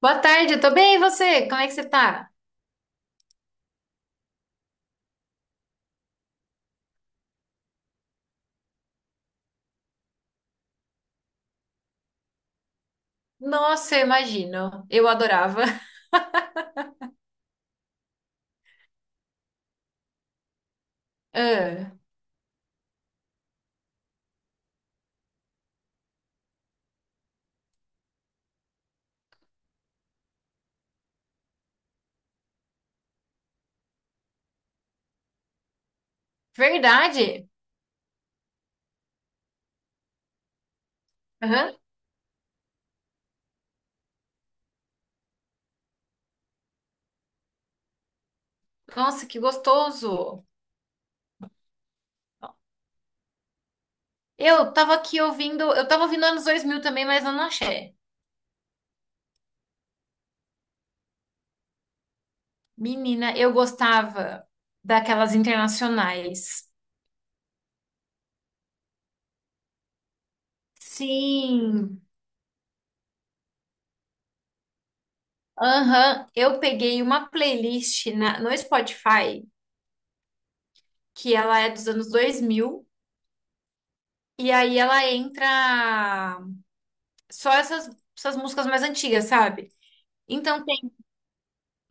Boa tarde, eu tô bem, e você? Como é que você tá? Nossa, eu imagino. Eu adorava. Ah, verdade? Aham. Nossa, que gostoso. Eu tava aqui ouvindo, eu tava ouvindo anos 2000 também, mas eu não achei. Menina, eu gostava daquelas internacionais. Sim. Aham, eu peguei uma playlist na- no Spotify, que ela é dos anos 2000 e aí ela entra só essas, essas músicas mais antigas, sabe? Então tem,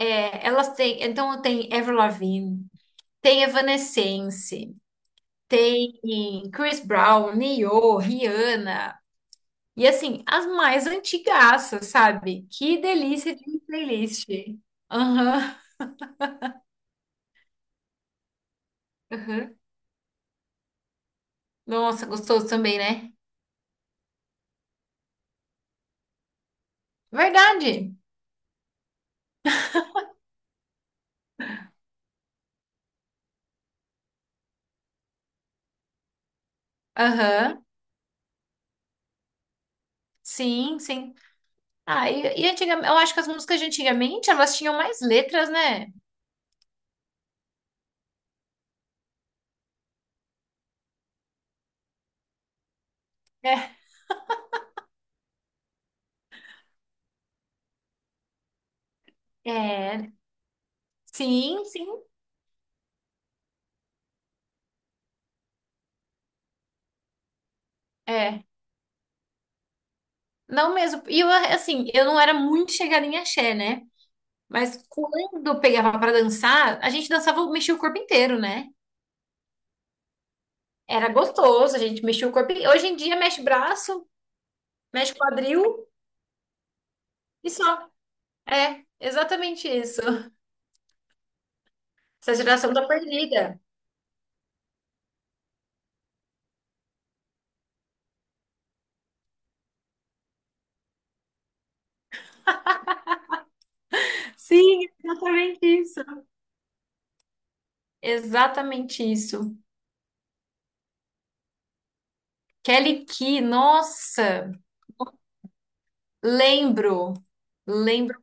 é, elas têm, então tem Avril Lavigne, tem Evanescence, tem Chris Brown, Nio, Rihanna. E assim, as mais antigaças, sabe? Que delícia de playlist. Aham, aham. Nossa, gostoso também, né? Verdade. Aham. Sim, sim. Ah, e antigamente, eu acho que as músicas de antigamente, elas tinham mais letras, né? É. É, sim, sim. É. Não mesmo. E eu, assim, eu não era muito chegada em axé, né? Mas quando eu pegava pra dançar, a gente dançava, mexia o corpo inteiro, né? Era gostoso, a gente mexia o corpo. Hoje em dia mexe braço, mexe quadril e só. É, exatamente isso. Essa geração tá perdida. Sim, exatamente isso. Exatamente isso. Kelly Key, nossa, lembro, lembro.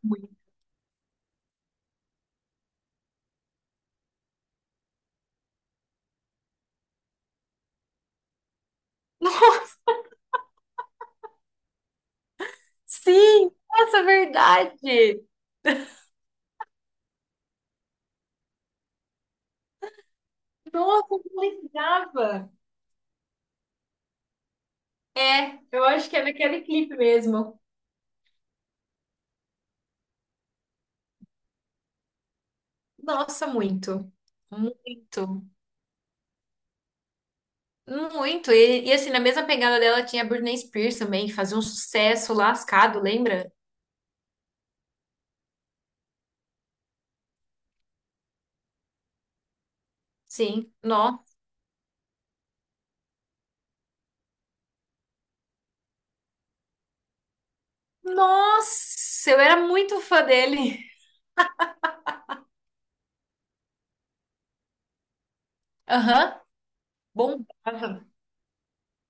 Sim, nossa, verdade. Nossa, eu não lembrava. É, eu acho que é naquele clipe mesmo. Nossa, muito. Muito. Muito. E, assim, na mesma pegada dela tinha a Britney Spears também, que fazia um sucesso lascado, lembra? Sim. Nó. Nossa, eu era muito fã dele. Aham. Bombava.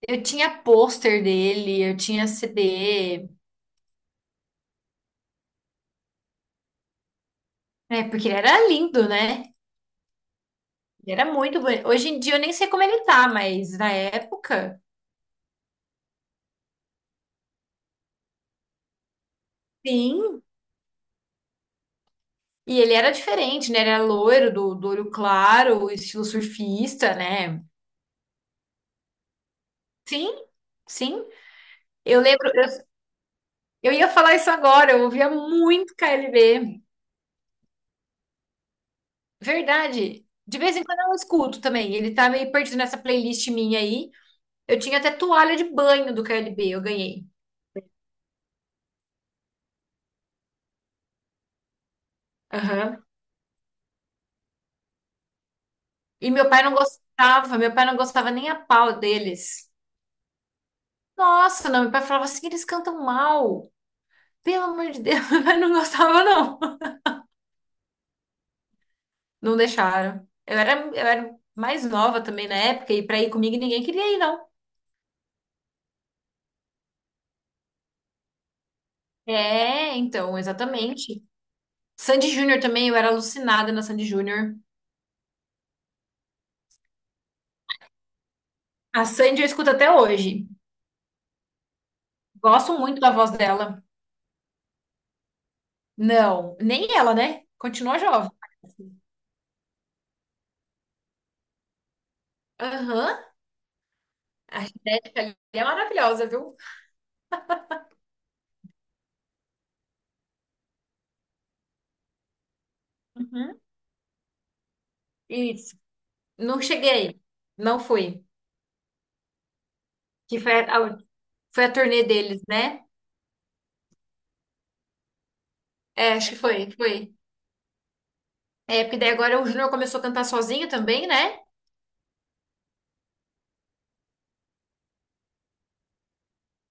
Eu tinha pôster dele, eu tinha CD. É, porque ele era lindo, né? Ele era muito bonito. Hoje em dia eu nem sei como ele tá, mas na época. Sim, E ele era diferente, né? Ele era loiro, do, do olho claro, estilo surfista, né? Sim, sim. Eu lembro, eu ia falar isso agora, eu ouvia muito KLB. Verdade. De vez em quando eu escuto também. Ele tá meio perdido nessa playlist minha aí. Eu tinha até toalha de banho do KLB, eu ganhei. Aham. E meu pai não gostava, meu pai não gostava nem a pau deles. Nossa, não, meu pai falava assim, eles cantam mal. Pelo amor de Deus, meu pai não gostava, não. Não deixaram. Eu era mais nova também na época, e pra ir comigo ninguém queria ir, não. É, então, exatamente. Sandy Júnior também, eu era alucinada na Sandy Júnior. A Sandy eu escuto até hoje. Gosto muito da voz dela. Não, nem ela, né? Continua jovem. Aham. A Rita é maravilhosa, viu? Uhum. Isso. Não cheguei. Não fui. Que foi a, foi a turnê deles, né? É, acho que foi, foi. É, porque daí agora o Júnior começou a cantar sozinho também, né?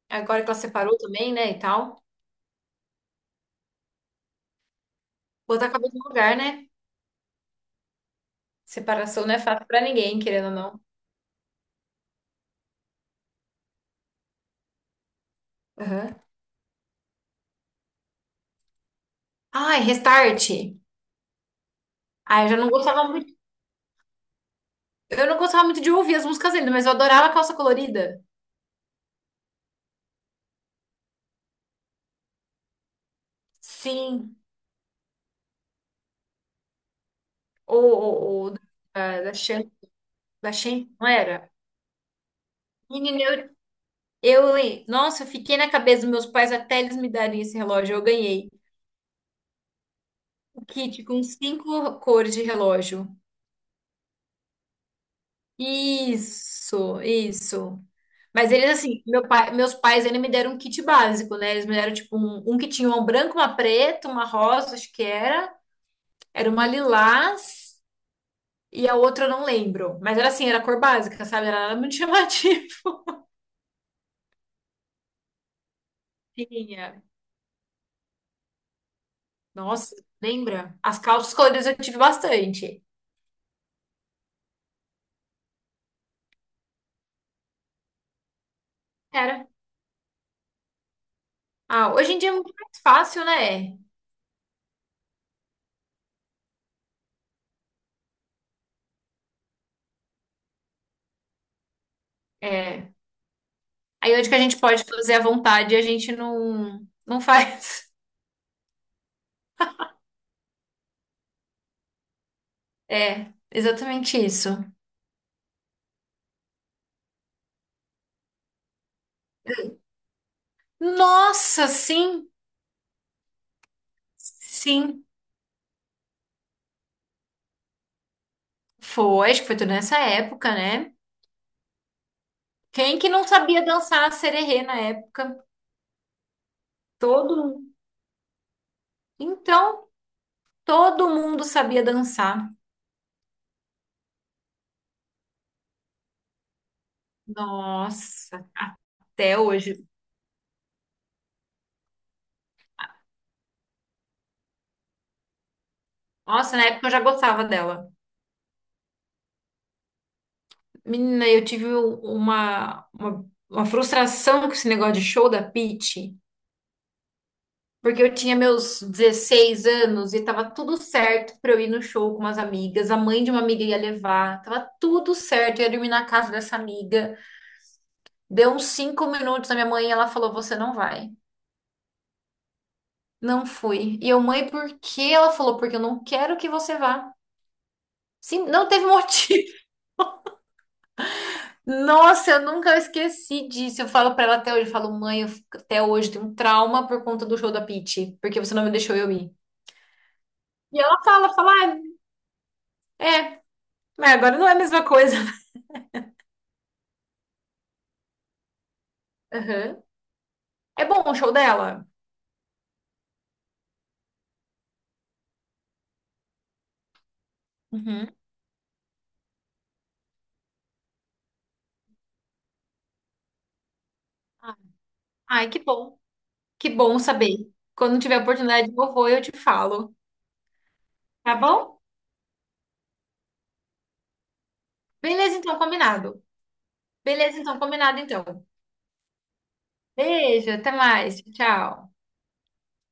Agora que ela separou também, né, e tal. Botar a cabeça no lugar, né? Separação não é fácil pra ninguém, querendo ou não. Aham. Ai, Restart. Ai, eu já não gostava muito. Eu não gostava muito de ouvir as músicas ainda, mas eu adorava Calça Colorida. Sim. Ou da Shan, da Shan, não era? Menina, nossa, eu fiquei na cabeça dos meus pais até eles me darem esse relógio. Eu ganhei o kit com 5 cores de relógio. Isso, isso. Mas eles, assim, meu pai, meus pais ainda me deram um kit básico, né? Eles me deram, tipo, um que tinha uma branca, uma preta, uma rosa, acho que era. Era uma lilás e a outra eu não lembro. Mas era assim, era a cor básica, sabe? Era nada muito chamativa. Tinha. Nossa, lembra? As calças coloridas eu tive bastante. Era. Ah, hoje em dia é muito mais fácil, né? É. Aí onde que a gente pode fazer à vontade, a gente não faz. É, exatamente isso. Nossa, sim, sim. Foi, acho que foi tudo nessa época, né? Quem que não sabia dançar sererê na época? Todo mundo. Então, todo mundo sabia dançar. Nossa, até hoje. Nossa, na época eu já gostava dela. Menina, eu tive uma frustração com esse negócio de show da Pitty, porque eu tinha meus 16 anos e tava tudo certo pra eu ir no show com umas amigas. A mãe de uma amiga ia levar, tava tudo certo, eu ia dormir na casa dessa amiga. Deu uns 5 minutos a minha mãe e ela falou: Você não vai. Não fui. E eu, mãe, por quê? Ela falou: Porque eu não quero que você vá. Sim, não teve motivo. Nossa, eu nunca esqueci disso. Eu falo pra ela até hoje: eu falo, mãe, eu fico- até hoje tenho um trauma por conta do show da Pitty, porque você não me deixou eu ir. E ela fala: fala, "Ah, é, mas agora não é a mesma coisa. Aham. É bom o show dela? Uhum. Ah, Ai, que bom. Que bom saber. Quando tiver oportunidade, eu vou, eu te falo. Tá bom? Beleza, então, combinado. Beleza, então, combinado então. Beijo, até mais. Tchau.